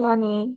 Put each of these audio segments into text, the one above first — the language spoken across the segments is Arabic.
يعني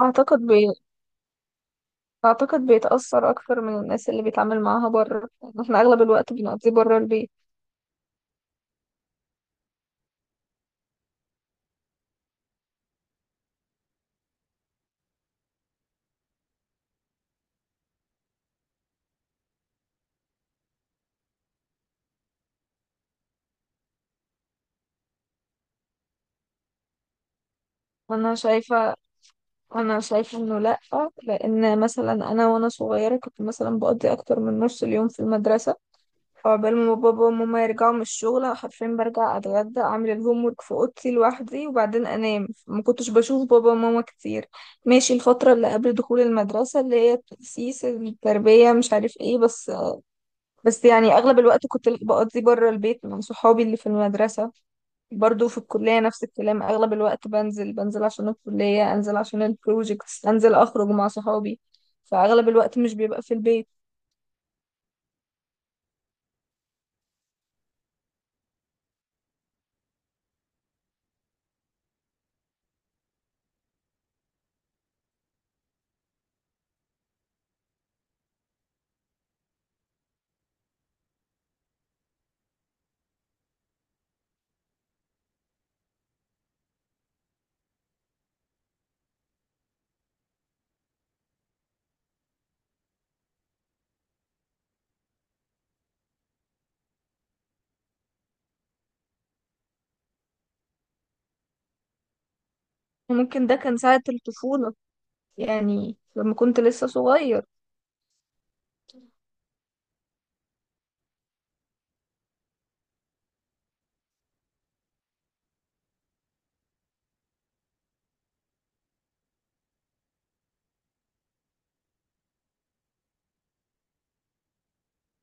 أعتقد بي... أعتقد بيتأثر أكتر من الناس اللي بيتعامل معاها بره. يعني احنا أغلب الوقت بنقضيه بره البيت. وأنا شايفة أنا شايفة إنه لأ، لأن مثلا أنا وأنا صغيرة كنت مثلا بقضي أكتر من نص اليوم في المدرسة، فعقبال ما بابا وماما يرجعوا من الشغل حرفيا برجع أتغدى أعمل الهوم ورك في أوضتي لوحدي وبعدين أنام. ما كنتش بشوف بابا وماما كتير. ماشي، الفترة اللي قبل دخول المدرسة اللي هي التأسيس، التربية، مش عارف ايه، بس بس يعني اغلب الوقت كنت بقضي بره البيت مع صحابي اللي في المدرسة. برضو في الكلية نفس الكلام، اغلب الوقت بنزل عشان الكلية، انزل عشان البروجكتس، انزل اخرج مع صحابي، فاغلب الوقت مش بيبقى في البيت. وممكن ده كان ساعة الطفولة، يعني لما كنت لسه صغير.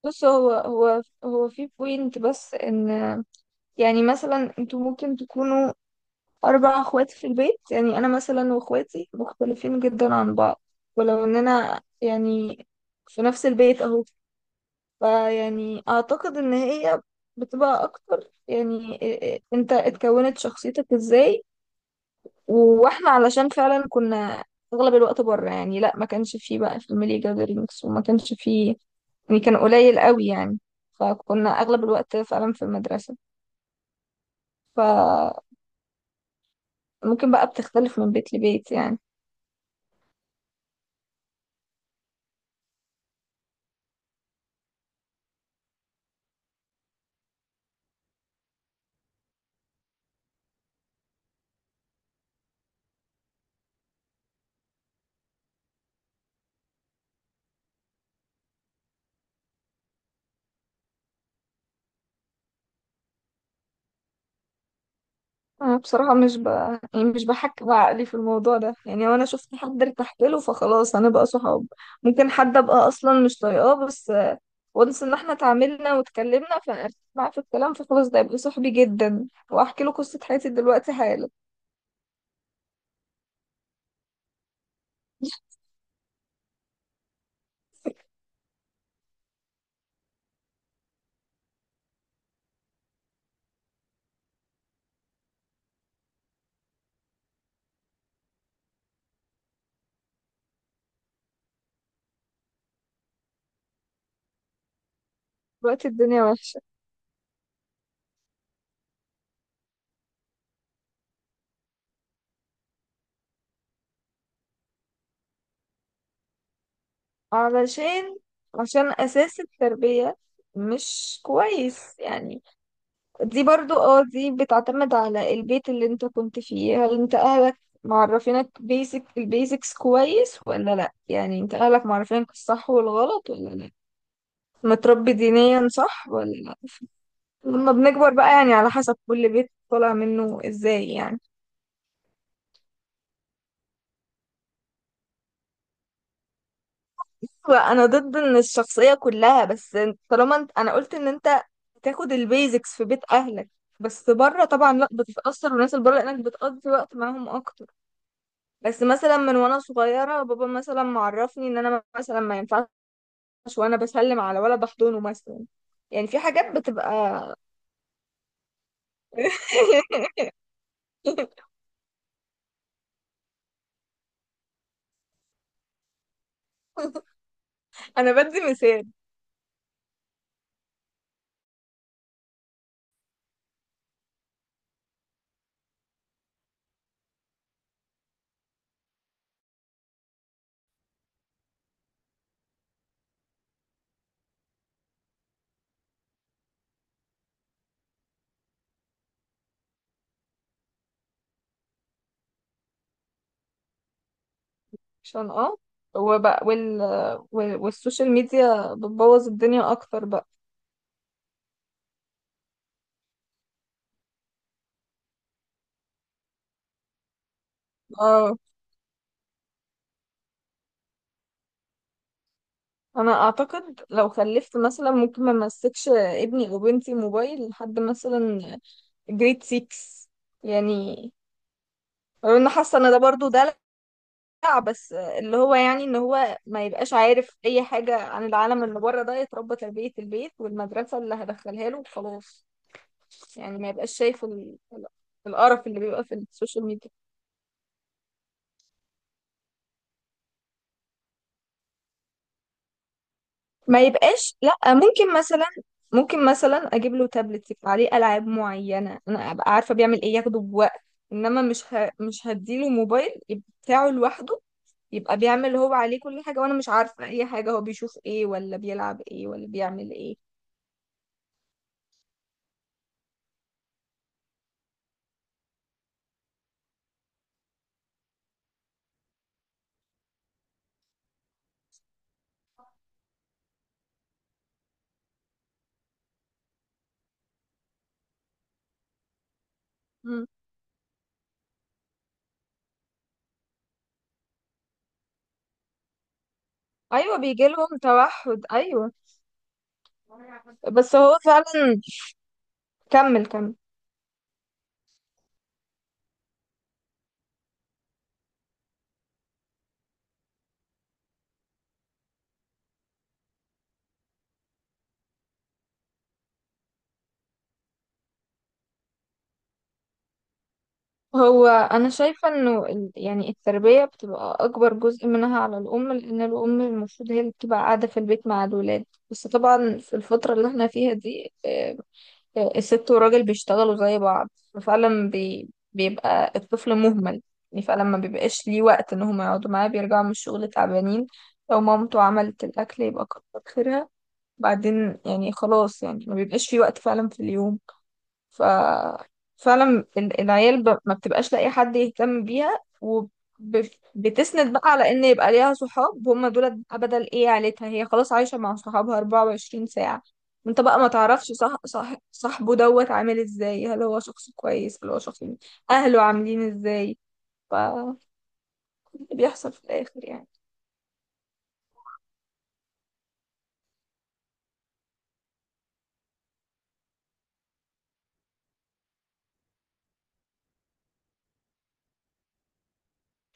بص، هو في بوينت، بس ان يعني مثلا انتوا ممكن تكونوا أربع أخوات في البيت، يعني أنا مثلا وأخواتي مختلفين جدا عن بعض، ولو إننا يعني في نفس البيت أهو. فيعني أعتقد إن هي بتبقى أكتر يعني، أنت اتكونت شخصيتك إزاي. وإحنا علشان فعلا كنا أغلب الوقت بره، يعني لأ، ما كانش فيه بقى في الميلي جادرينجز، وما كانش فيه يعني، كان قليل قوي يعني. فكنا أغلب الوقت فعلا في المدرسة. فممكن بقى بتختلف من بيت لبيت يعني. أنا بصراحة مش ب... يعني مش بحكي بعقلي في الموضوع ده، يعني وأنا شفت حد ارتحت له فخلاص هنبقى صحاب. ممكن حد أبقى أصلا مش طايقاه، بس وانس إن احنا اتعاملنا واتكلمنا فأنا معاه في الكلام، فخلاص ده يبقى صاحبي جدا وأحكي له قصة حياتي دلوقتي حالا. دلوقتي الدنيا وحشة، علشان، عشان أساس التربية مش كويس يعني. دي برضو اه دي بتعتمد على البيت اللي انت كنت فيه، هل انت اهلك معرفينك بيسك البيسكس كويس ولا لا، يعني انت اهلك معرفينك الصح والغلط ولا لا، متربي دينيا صح ولا لا. لما بنكبر بقى يعني على حسب كل بيت طالع منه ازاي يعني. انا ضد ان الشخصية كلها، بس طالما انت، انا قلت ان انت تاخد البيزكس في بيت اهلك، بس بره طبعا لا بتتأثر والناس اللي بره لانك بتقضي وقت معاهم اكتر. بس مثلا من وانا صغيرة بابا مثلا معرفني ان انا مثلا ما ينفعش وانا بسلم على ولا بحضنه مثلا، يعني في حاجات بتبقى. انا بدي مثال. عشان اه، وبقى وال... والسوشيال ميديا بتبوظ الدنيا اكتر بقى. اه انا اعتقد لو خلفت مثلا ممكن ما امسكش ابني او بنتي موبايل لحد مثلا جريد 6، يعني لو انا حاسه ان ده برضو ده، بس اللي هو يعني ان هو ما يبقاش عارف اي حاجة عن العالم اللي بره ده، يتربى تربية البيت والمدرسة اللي هدخلها له وخلاص. يعني ما يبقاش شايف القرف اللي بيبقى في السوشيال ميديا. ما يبقاش، لا ممكن مثلا، ممكن مثلا اجيب له تابلت يبقى عليه العاب معينة انا ابقى عارفة بيعمل ايه، ياخده بوقت. انما مش هديله موبايل يبقى بتاعه لوحده، يبقى بيعمل هو عليه كل حاجة وانا مش عارفة اي حاجة، هو بيشوف ايه ولا بيلعب ايه ولا بيعمل ايه. ايوه بيجي لهم توحد، ايوه. بس هو فعلا، كمل كمل. هو انا شايفه انه يعني التربيه بتبقى اكبر جزء منها على الام، لان الام المفروض هي اللي بتبقى قاعده في البيت مع الولاد. بس طبعا في الفتره اللي احنا فيها دي الست والراجل بيشتغلوا زي بعض، ففعلا بيبقى الطفل مهمل، يعني فعلا ما بيبقاش ليه وقت ان هم يقعدوا معاه، بيرجعوا من الشغل تعبانين، لو مامته عملت الاكل يبقى كتر خيرها. بعدين يعني خلاص يعني ما بيبقاش في وقت فعلا في اليوم. ف فعلا العيال ما بتبقاش لاقي حد يهتم بيها، وبتسند بقى على ان يبقى ليها صحاب هم دول بقى بدل ايه عيلتها، هي خلاص عايشة مع صحابها 24 ساعة. انت بقى ما تعرفش صاحبه دوت عامل ازاي، هل هو شخص كويس، هل هو شخص اهله عاملين ازاي. ف اللي بيحصل في الاخر يعني.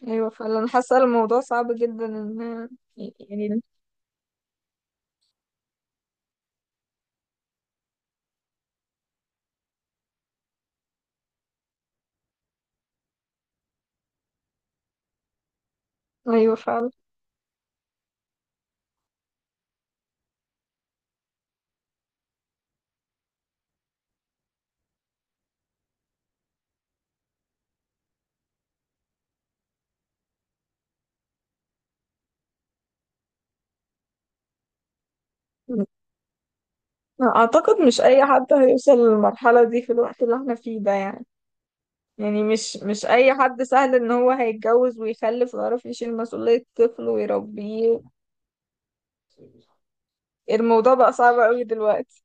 ايوه فعلا، حاسة الموضوع صعب جدا ان يعني. ايوه فعلا. أعتقد مش أي حد هيوصل للمرحلة دي في الوقت اللي احنا فيه ده، يعني يعني مش مش أي حد سهل إن هو هيتجوز ويخلف ويعرف يشيل مسؤولية طفل ويربيه. الموضوع بقى صعب أوي دلوقتي.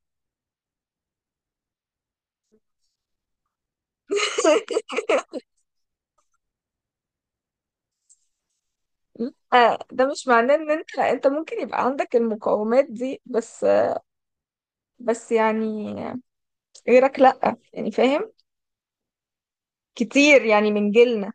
آه، ده مش معناه إن أنت، أنت ممكن يبقى عندك المقومات دي، بس بس يعني غيرك لأ يعني، فاهم، كتير يعني من جيلنا.